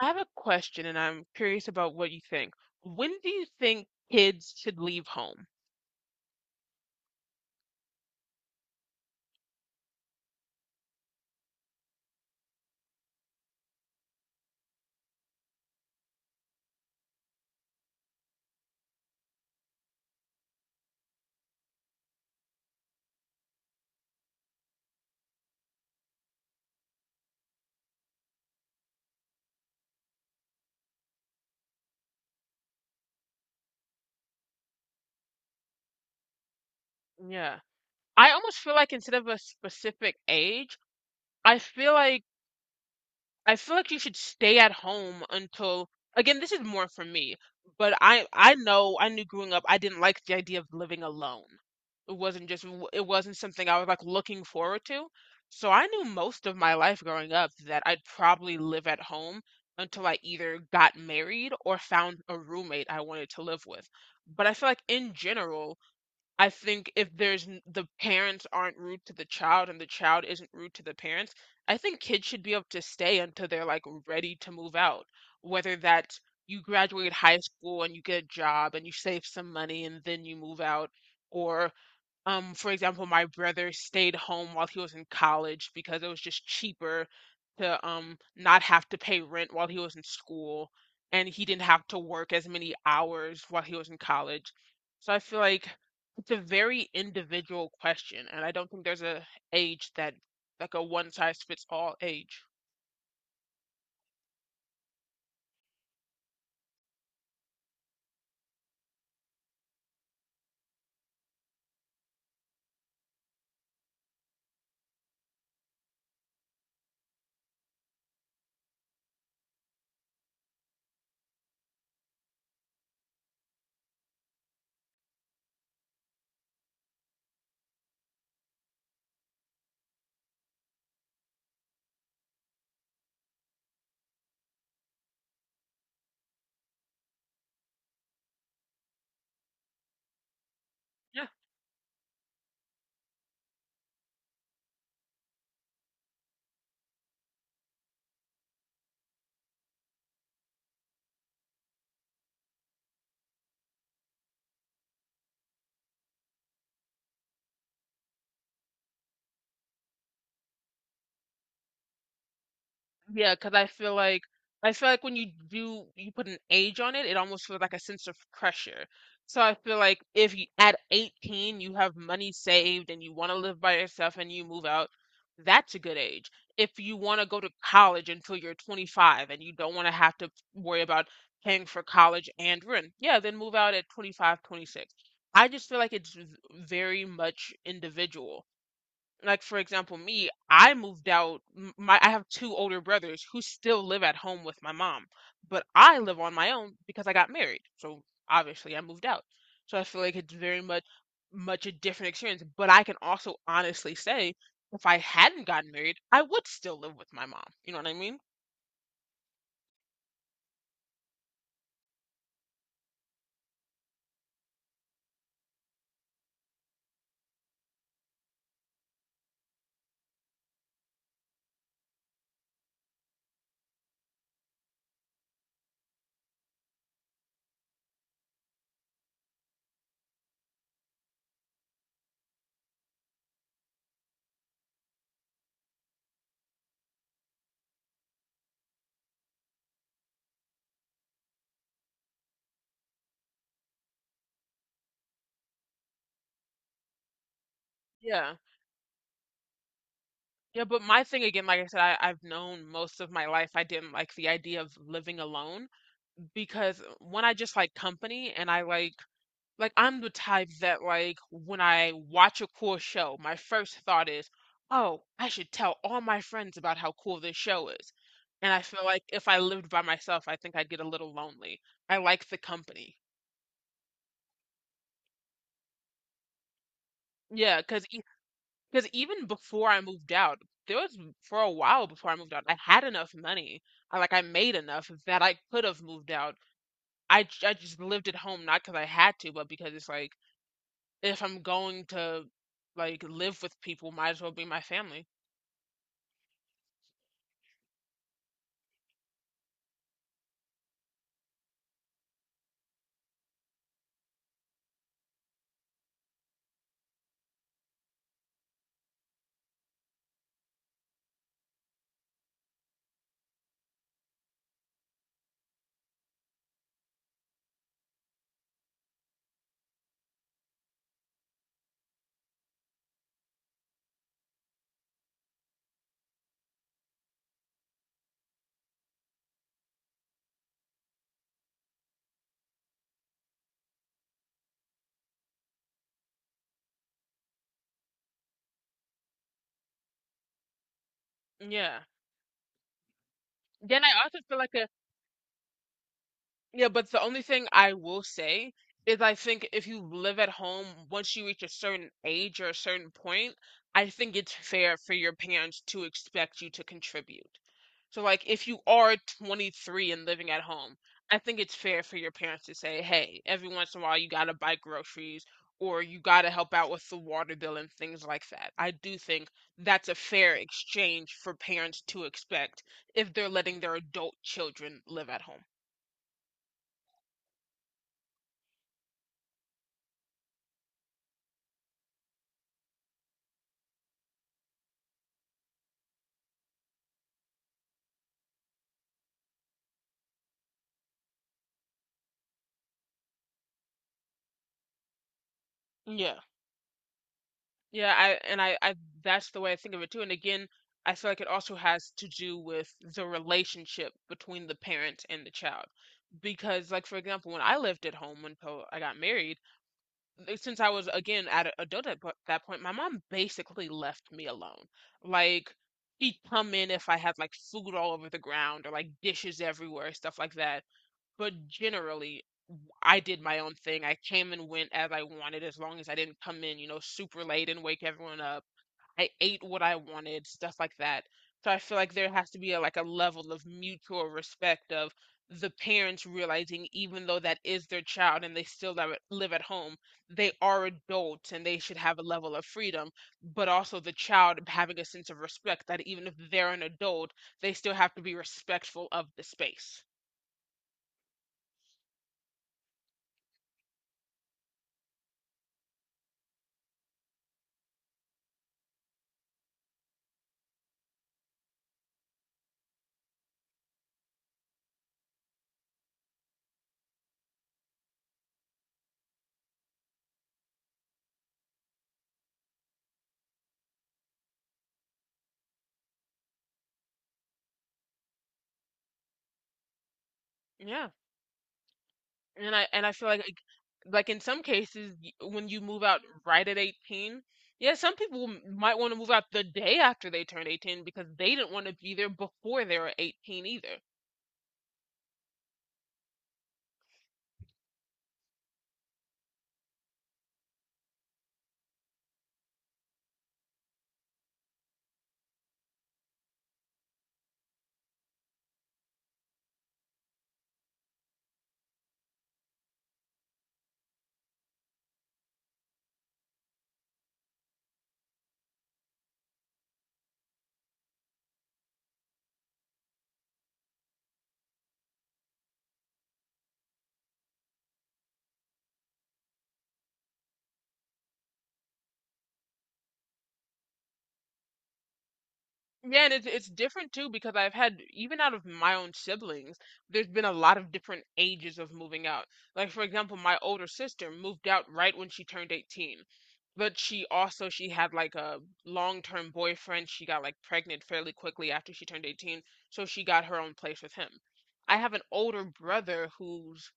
I have a question and I'm curious about what you think. When do you think kids should leave home? Yeah. I almost feel like, instead of a specific age, I feel like I feel like you should stay at home until again, this is more for me, but I knew growing up I didn't like the idea of living alone. It wasn't something I was, like, looking forward to. So I knew most of my life growing up that I'd probably live at home until I either got married or found a roommate I wanted to live with. But I feel like, in general, I think if the parents aren't rude to the child and the child isn't rude to the parents, I think kids should be able to stay until they're, like, ready to move out. Whether that's, you graduate high school and you get a job and you save some money and then you move out, or, for example, my brother stayed home while he was in college because it was just cheaper to not have to pay rent while he was in school, and he didn't have to work as many hours while he was in college. So I feel like it's a very individual question, and I don't think there's a age that like a one size fits all age. Yeah, because I feel like when you put an age on it, it almost feels like a sense of pressure. So I feel like, if you at 18 you have money saved and you want to live by yourself and you move out, that's a good age. If you want to go to college until you're 25 and you don't want to have to worry about paying for college and rent, yeah, then move out at 25, 26. I just feel like very much individual. Like, for example, me, I moved out. M- my i have two older brothers who still live at home with my mom, but I live on my own because I got married, so obviously I moved out. So I feel like it's very much a different experience, but I can also honestly say, if I hadn't gotten married, I would still live with my mom, you know what I mean? Yeah. Yeah, but my thing, again, like I said, I've known most of my life I didn't like the idea of living alone, because when I just like company and I like. Like, I'm the type that, like, when I watch a cool show, my first thought is, "Oh, I should tell all my friends about how cool this show is." And I feel like if I lived by myself, I think I'd get a little lonely. I like the company. Yeah, cause even before I moved out, there was for a while before I moved out, I had enough money. I made enough that I could have moved out. I just lived at home not because I had to, but because it's like, if I'm going to, like, live with people, might as well be my family. Yeah. Then I also feel like a Yeah, but the only thing I will say is, I think if you live at home, once you reach a certain age or a certain point, I think it's fair for your parents to expect you to contribute. So, like, if you are 23 and living at home, I think it's fair for your parents to say, hey, every once in a while you gotta buy groceries, or you gotta help out with the water bill and things like that. I do think that's a fair exchange for parents to expect if they're letting their adult children live at home. Yeah. Yeah, I and I, I that's the way I think of it too. And again, I feel like it also has to do with the relationship between the parent and the child. Because, like, for example, when I lived at home until I got married, since I was, again, at a adult at that point, my mom basically left me alone. Like, she'd come in if I had like food all over the ground or like dishes everywhere, stuff like that. But generally, I did my own thing. I came and went as I wanted, as long as I didn't come in, you know, super late and wake everyone up. I ate what I wanted, stuff like that. So I feel like there has to be a, like, a level of mutual respect, of the parents realizing, even though that is their child and they still live at home, they are adults and they should have a level of freedom, but also the child having a sense of respect that, even if they're an adult, they still have to be respectful of the space. Yeah. And I feel like in some cases, when you move out right at 18, yeah, some people might want to move out the day after they turn 18 because they didn't want to be there before they were 18 either. Yeah, and it's different too, because I've had, even out of my own siblings, there's been a lot of different ages of moving out. Like, for example, my older sister moved out right when she turned 18. But she also, she had like a long-term boyfriend. She got, like, pregnant fairly quickly after she turned 18, so she got her own place with him. I have an older brother who's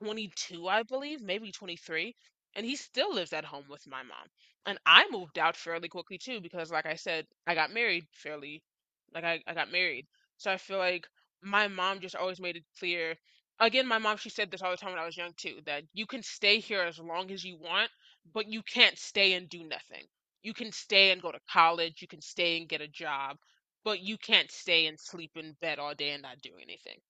22, I believe, maybe 23, and he still lives at home with my mom. And I moved out fairly quickly too, because, like I said, I got married fairly, like, I got married. So I feel like my mom just always made it clear. Again, my mom, she said this all the time when I was young too, that you can stay here as long as you want, but you can't stay and do nothing. You can stay and go to college, you can stay and get a job, but you can't stay and sleep in bed all day and not do anything.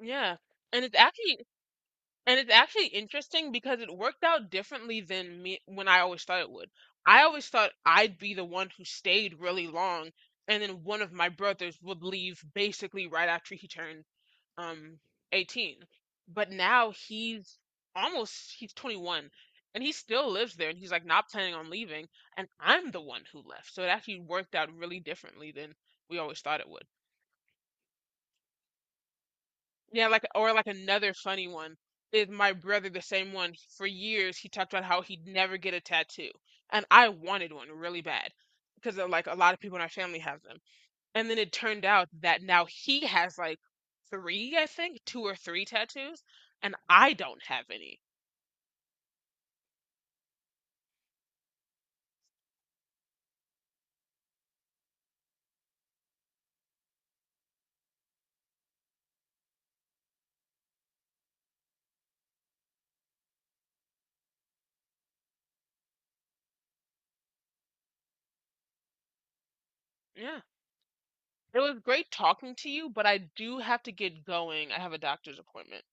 Yeah. And it's actually And it's actually interesting, because it worked out differently than me when I always thought it would. I always thought I'd be the one who stayed really long, and then one of my brothers would leave basically right after he turned um 18. But now he's 21 and he still lives there and he's, like, not planning on leaving, and I'm the one who left. So it actually worked out really differently than we always thought it would. Yeah, like, or, like, another funny one is my brother, the same one. For years, he talked about how he'd never get a tattoo, and I wanted one really bad because, like, a lot of people in our family have them. And then it turned out that now he has, like, three, I think, two or three tattoos, and I don't have any. Yeah, it was great talking to you, but I do have to get going. I have a doctor's appointment.